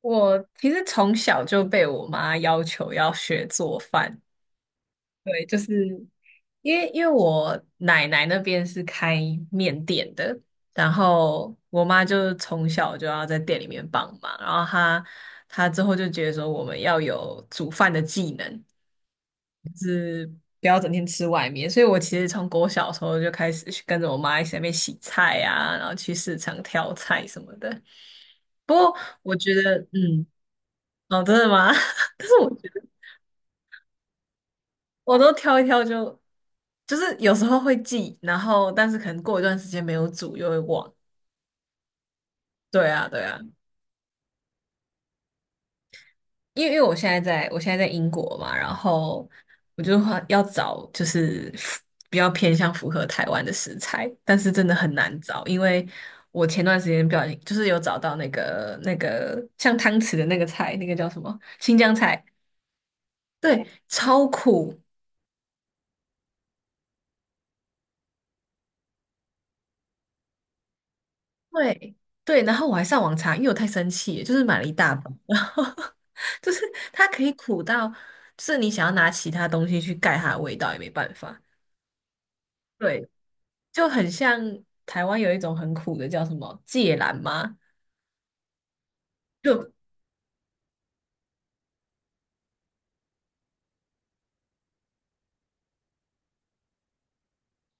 我其实从小就被我妈要求要学做饭，对，就是因为我奶奶那边是开面店的，然后我妈就从小就要在店里面帮忙，然后她之后就觉得说我们要有煮饭的技能，不要整天吃外面，所以我其实从我小时候就开始去跟着我妈一起在那边洗菜啊，然后去市场挑菜什么的。不过我觉得，嗯，哦，真的吗？但是我都挑一挑就，就是有时候会记，然后但是可能过一段时间没有煮又会忘。对啊，对啊，因为我现在在英国嘛，然后我就话要找就是比较偏向符合台湾的食材，但是真的很难找，因为我前段时间不小心就是有找到那个像汤匙的那个菜，那个叫什么新疆菜，对，超苦，对对，然后我还上网查，因为我太生气了就是买了一大包，然后 就是它可以苦到，就是你想要拿其他东西去盖它的味道也没办法。对，就很像台湾有一种很苦的叫什么芥蓝吗？就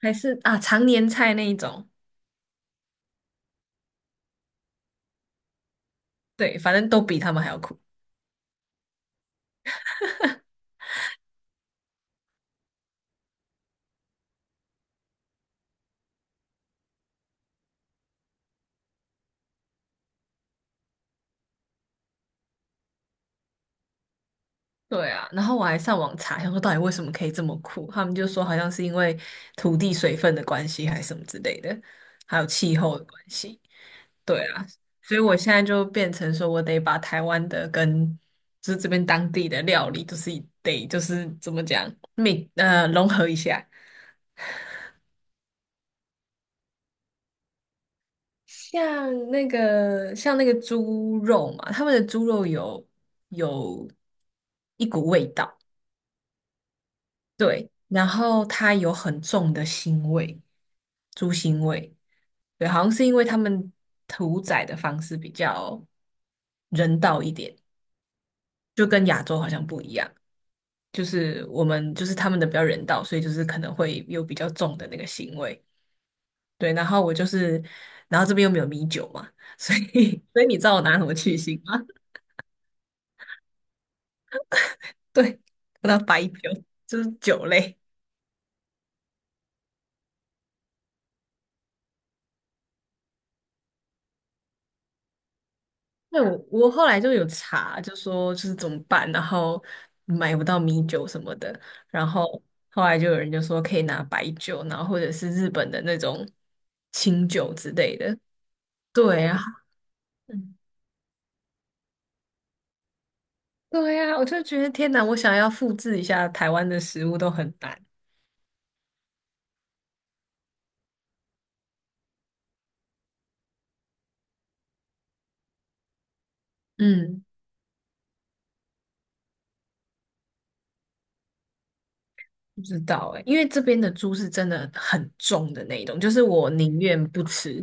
还是啊常年菜那一种，对，反正都比他们还要苦。对啊，然后我还上网查，想说到底为什么可以这么苦，他们就说好像是因为土地水分的关系，还是什么之类的，还有气候的关系。对啊，所以我现在就变成说，我得把台湾的跟就是这边当地的料理，就是得就是怎么讲，每融合一下。像那个猪肉嘛，他们的猪肉有一股味道，对，然后它有很重的腥味，猪腥味，对，好像是因为他们屠宰的方式比较人道一点，就跟亚洲好像不一样。就是我们就是他们的比较人道，所以就是可能会有比较重的那个腥味。对，然后我就是，然后这边又没有米酒嘛，所以 所以你知道我拿什么去腥吗？对，我拿白酒，就是酒类。那我后来就有查，就说就是怎么办，然后买不到米酒什么的，然后后来就有人就说可以拿白酒，然后或者是日本的那种清酒之类的。对啊，对呀，我就觉得天哪，我想要复制一下台湾的食物都很难。嗯，不知道哎、因为这边的猪是真的很重的那一种，就是我宁愿不吃。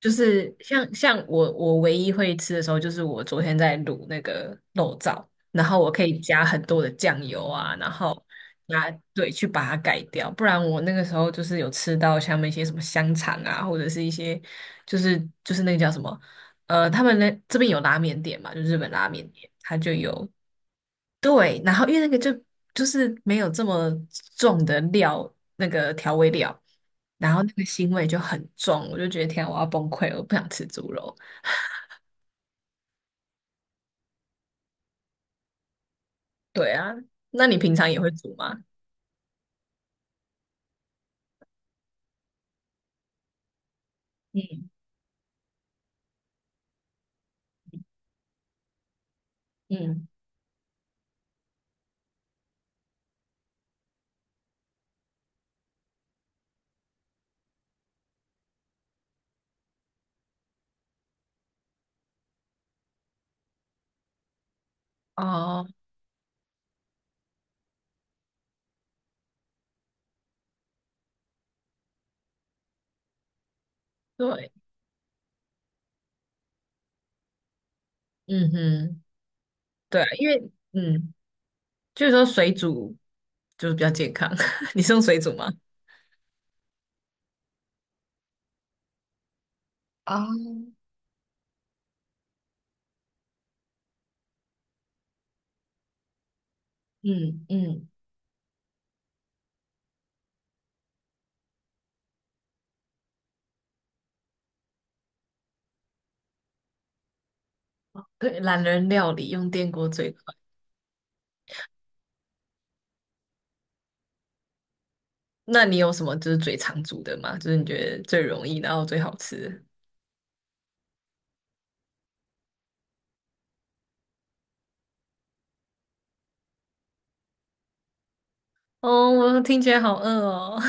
就是像我唯一会吃的时候，就是我昨天在卤那个肉燥，然后我可以加很多的酱油啊，然后加对去把它改掉，不然我那个时候就是有吃到像那些什么香肠啊，或者是一些就是就是那个叫什么他们那这边有拉面店嘛，就日本拉面店，它就有对，然后因为那个就是没有这么重的料，那个调味料。然后那个腥味就很重，我就觉得天啊，我要崩溃了，我不想吃猪肉。对啊，那你平常也会煮吗？嗯嗯，哦，对，嗯哼，对啊，因为嗯，就是说水煮就是比较健康。你是用水煮吗？啊，嗯嗯，对，懒人料理用电锅最快。那你有什么就是最常煮的吗？就是你觉得最容易，然后最好吃的哦，我听起来好饿哦。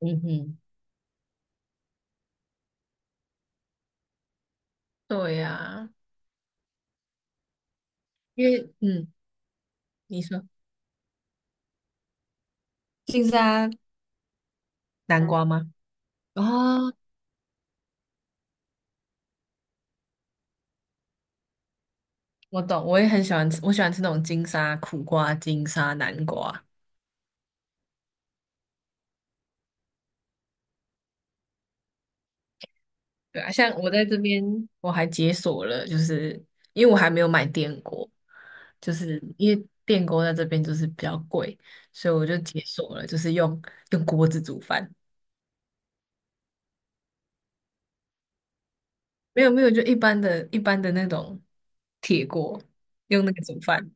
嗯哼，对呀、因为嗯，你说。金沙南瓜吗？哦，我懂，我也很喜欢吃，我喜欢吃那种金沙苦瓜、金沙南瓜。对啊，像我在这边，我还解锁了，就是因为我还没有买电锅，就是因为电锅在这边就是比较贵，所以我就解锁了，就是用锅子煮饭。没有没有，就一般的那种铁锅，用那个煮饭。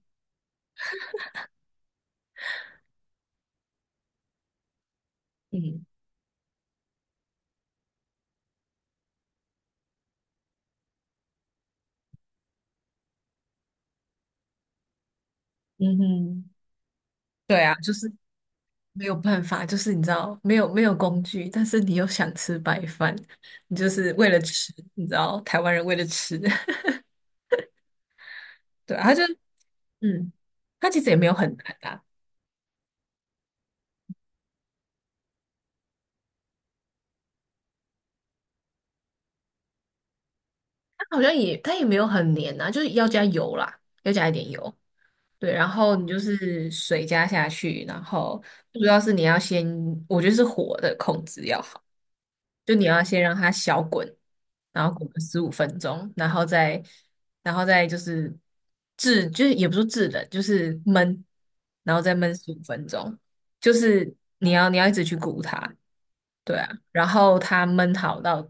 嗯嗯哼，对啊，就是。没有办法，就是你知道，没有没有工具，但是你又想吃白饭，你就是为了吃，你知道，台湾人为了吃，对啊他就嗯，他其实也没有很难啊，他好像也没有很黏啊，就是要加油啦，要加一点油，对，然后你就是水加下去，然后主要是你要先，我觉得是火的控制要好。就你要先让它小滚，然后滚个十五分钟，然后再就是制，就是也不是制冷，就是焖，然后再焖十五分钟，就是你要一直去鼓它，对啊，然后它焖好到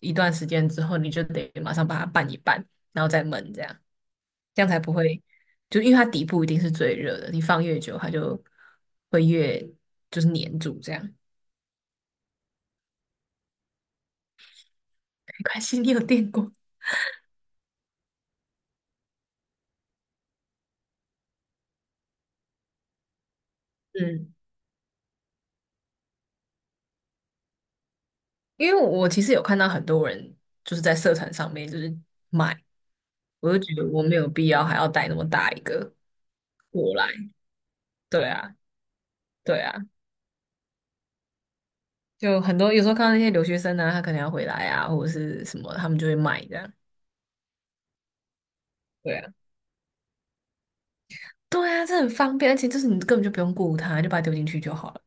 一段时间之后，你就得马上把它拌一拌，然后再焖这样。这样才不会，就因为它底部一定是最热的，你放越久，它就会越就是粘住这样。没关系，你有电过。嗯，因为我其实有看到很多人就是在社团上面就是买，我就觉得我没有必要还要带那么大一个过来。对啊，对啊，就很多有时候看到那些留学生啊，他可能要回来啊，或者是什么，他们就会买这样。对啊，对啊，这很方便，而且就是你根本就不用顾他，就把它丢进去就好了。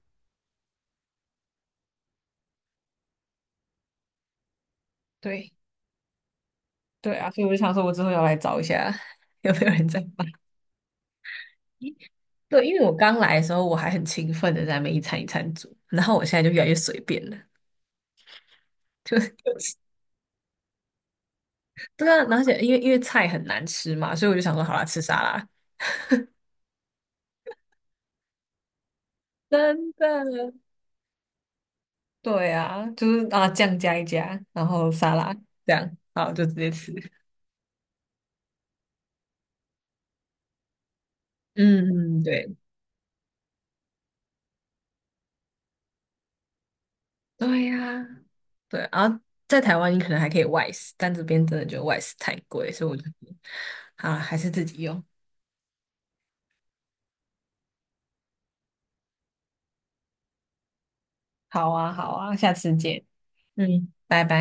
对，对啊，所以我就想说，我之后要来找一下 有没有人在买。对，因为我刚来的时候，我还很勤奋的在那边一餐一餐煮，然后我现在就越来越随便了，就 对啊，而且因为菜很难吃嘛，所以我就想说，好啦，吃沙拉。真的，对啊，就是啊，酱加一加，然后沙拉这样，好，就直接吃。嗯，嗯，对，对呀、对。然后在台湾，你可能还可以外食，但这边真的就外食太贵，所以我就，好啦还是自己用。好啊，好啊，下次见。嗯，拜拜。